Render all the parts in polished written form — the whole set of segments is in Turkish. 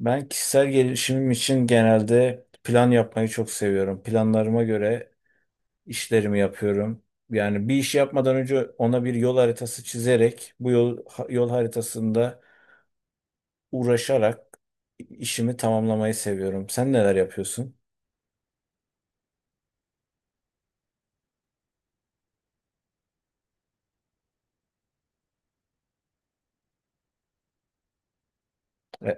Ben kişisel gelişimim için genelde plan yapmayı çok seviyorum. Planlarıma göre işlerimi yapıyorum. Yani bir işi yapmadan önce ona bir yol haritası çizerek, yol haritasında uğraşarak işimi tamamlamayı seviyorum. Sen neler yapıyorsun? E,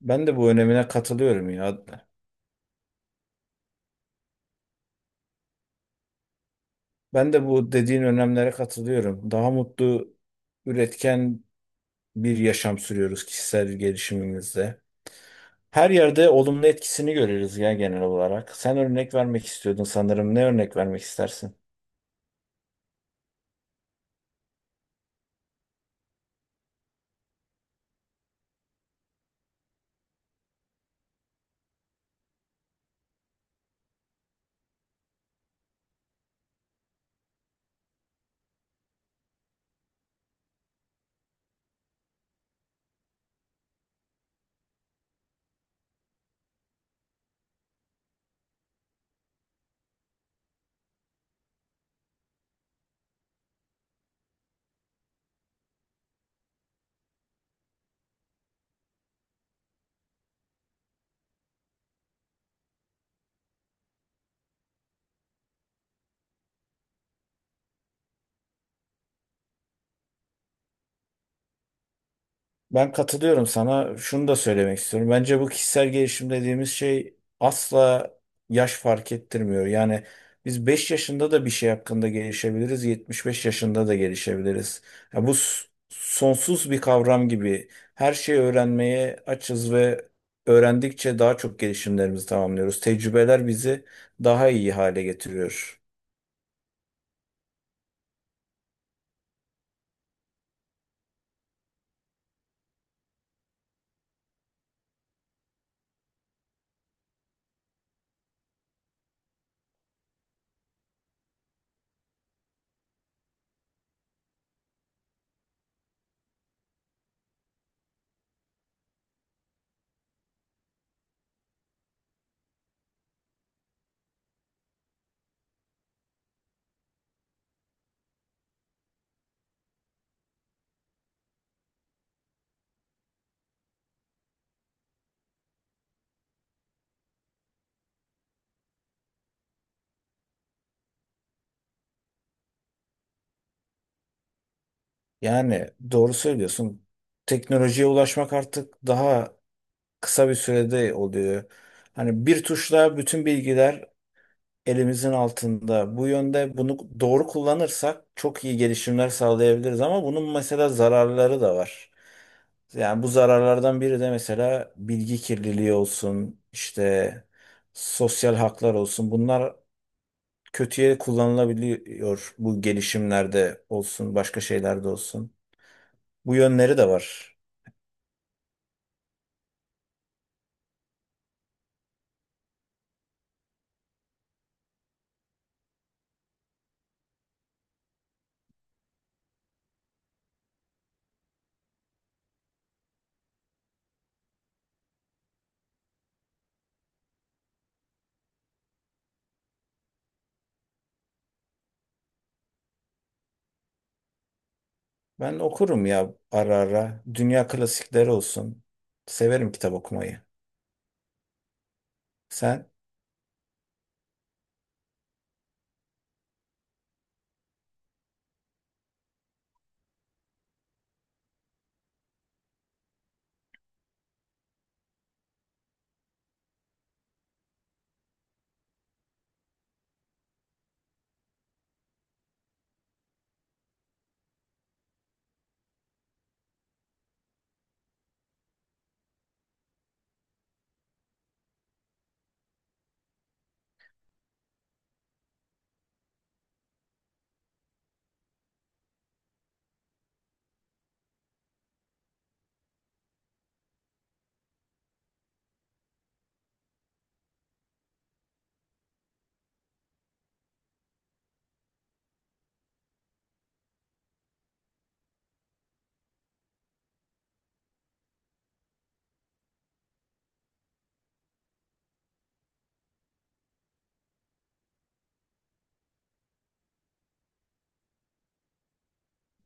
Ben de bu önemine katılıyorum ya. Ben de bu dediğin önemlere katılıyorum. Daha mutlu, üretken bir yaşam sürüyoruz kişisel gelişimimizde. Her yerde olumlu etkisini görürüz ya genel olarak. Sen örnek vermek istiyordun sanırım. Ne örnek vermek istersin? Ben katılıyorum sana. Şunu da söylemek istiyorum. Bence bu kişisel gelişim dediğimiz şey asla yaş fark ettirmiyor. Yani biz 5 yaşında da bir şey hakkında gelişebiliriz, 75 yaşında da gelişebiliriz. Ya sonsuz bir kavram gibi. Her şeyi öğrenmeye açız ve öğrendikçe daha çok gelişimlerimizi tamamlıyoruz. Tecrübeler bizi daha iyi hale getiriyor. Yani doğru söylüyorsun. Teknolojiye ulaşmak artık daha kısa bir sürede oluyor. Hani bir tuşla bütün bilgiler elimizin altında. Bu yönde bunu doğru kullanırsak çok iyi gelişimler sağlayabiliriz ama bunun mesela zararları da var. Yani bu zararlardan biri de mesela bilgi kirliliği olsun, işte sosyal haklar olsun. Bunlar kötüye kullanılabiliyor bu gelişimlerde olsun, başka şeylerde olsun. Bu yönleri de var. Ben okurum ya ara ara. Dünya klasikleri olsun. Severim kitap okumayı. Sen?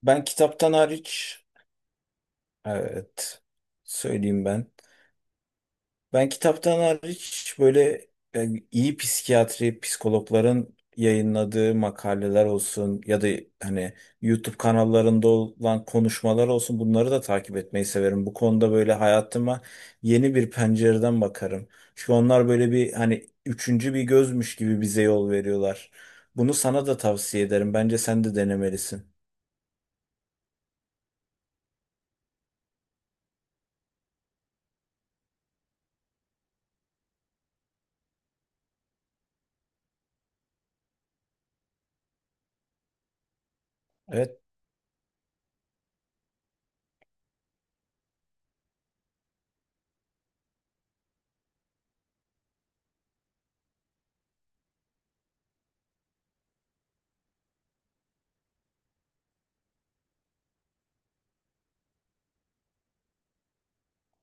Ben kitaptan hariç evet söyleyeyim ben. Ben kitaptan hariç böyle iyi psikiyatri, psikologların yayınladığı makaleler olsun ya da hani YouTube kanallarında olan konuşmalar olsun bunları da takip etmeyi severim. Bu konuda böyle hayatıma yeni bir pencereden bakarım. Çünkü onlar böyle bir hani üçüncü bir gözmüş gibi bize yol veriyorlar. Bunu sana da tavsiye ederim. Bence sen de denemelisin. Evet,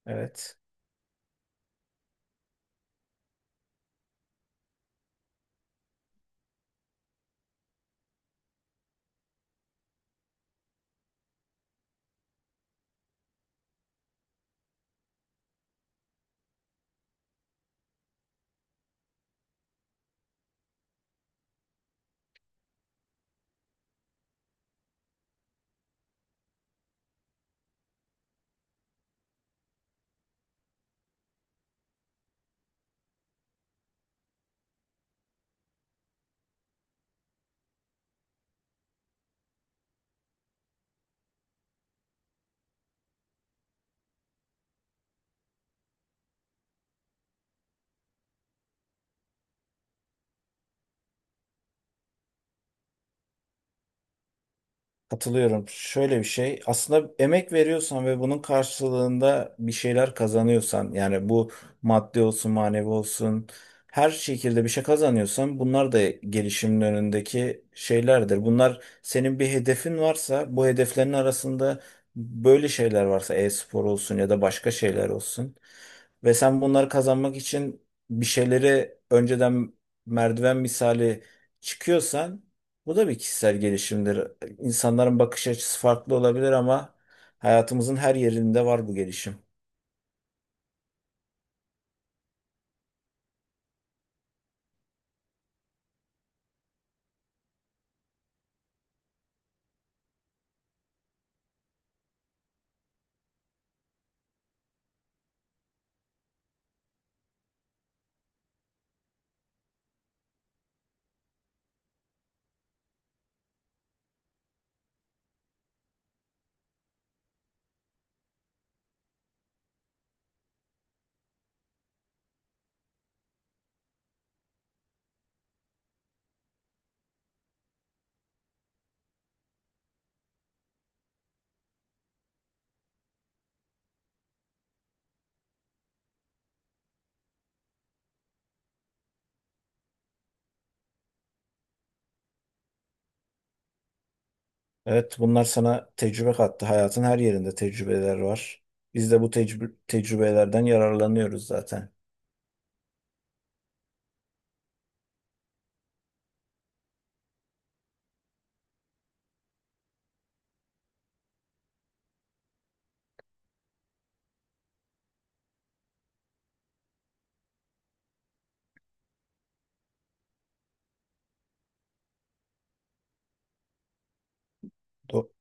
evet. Katılıyorum. Şöyle bir şey. Aslında emek veriyorsan ve bunun karşılığında bir şeyler kazanıyorsan, yani bu maddi olsun, manevi olsun, her şekilde bir şey kazanıyorsan bunlar da gelişimin önündeki şeylerdir. Bunlar senin bir hedefin varsa, bu hedeflerin arasında böyle şeyler varsa, e-spor olsun ya da başka şeyler olsun ve sen bunları kazanmak için bir şeyleri önceden merdiven misali çıkıyorsan bu da bir kişisel gelişimdir. İnsanların bakış açısı farklı olabilir ama hayatımızın her yerinde var bu gelişim. Evet, bunlar sana tecrübe kattı. Hayatın her yerinde tecrübeler var. Biz de bu tecrübelerden yararlanıyoruz zaten. Do-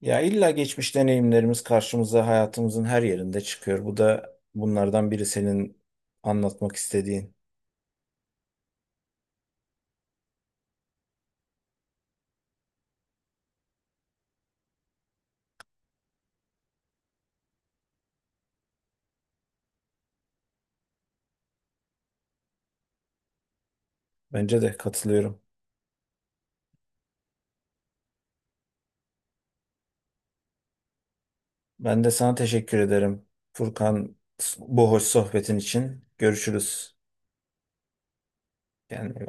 Ya illa geçmiş deneyimlerimiz karşımıza hayatımızın her yerinde çıkıyor. Bu da bunlardan biri senin anlatmak istediğin. Bence de katılıyorum. Ben de sana teşekkür ederim Furkan bu hoş sohbetin için. Görüşürüz. Yani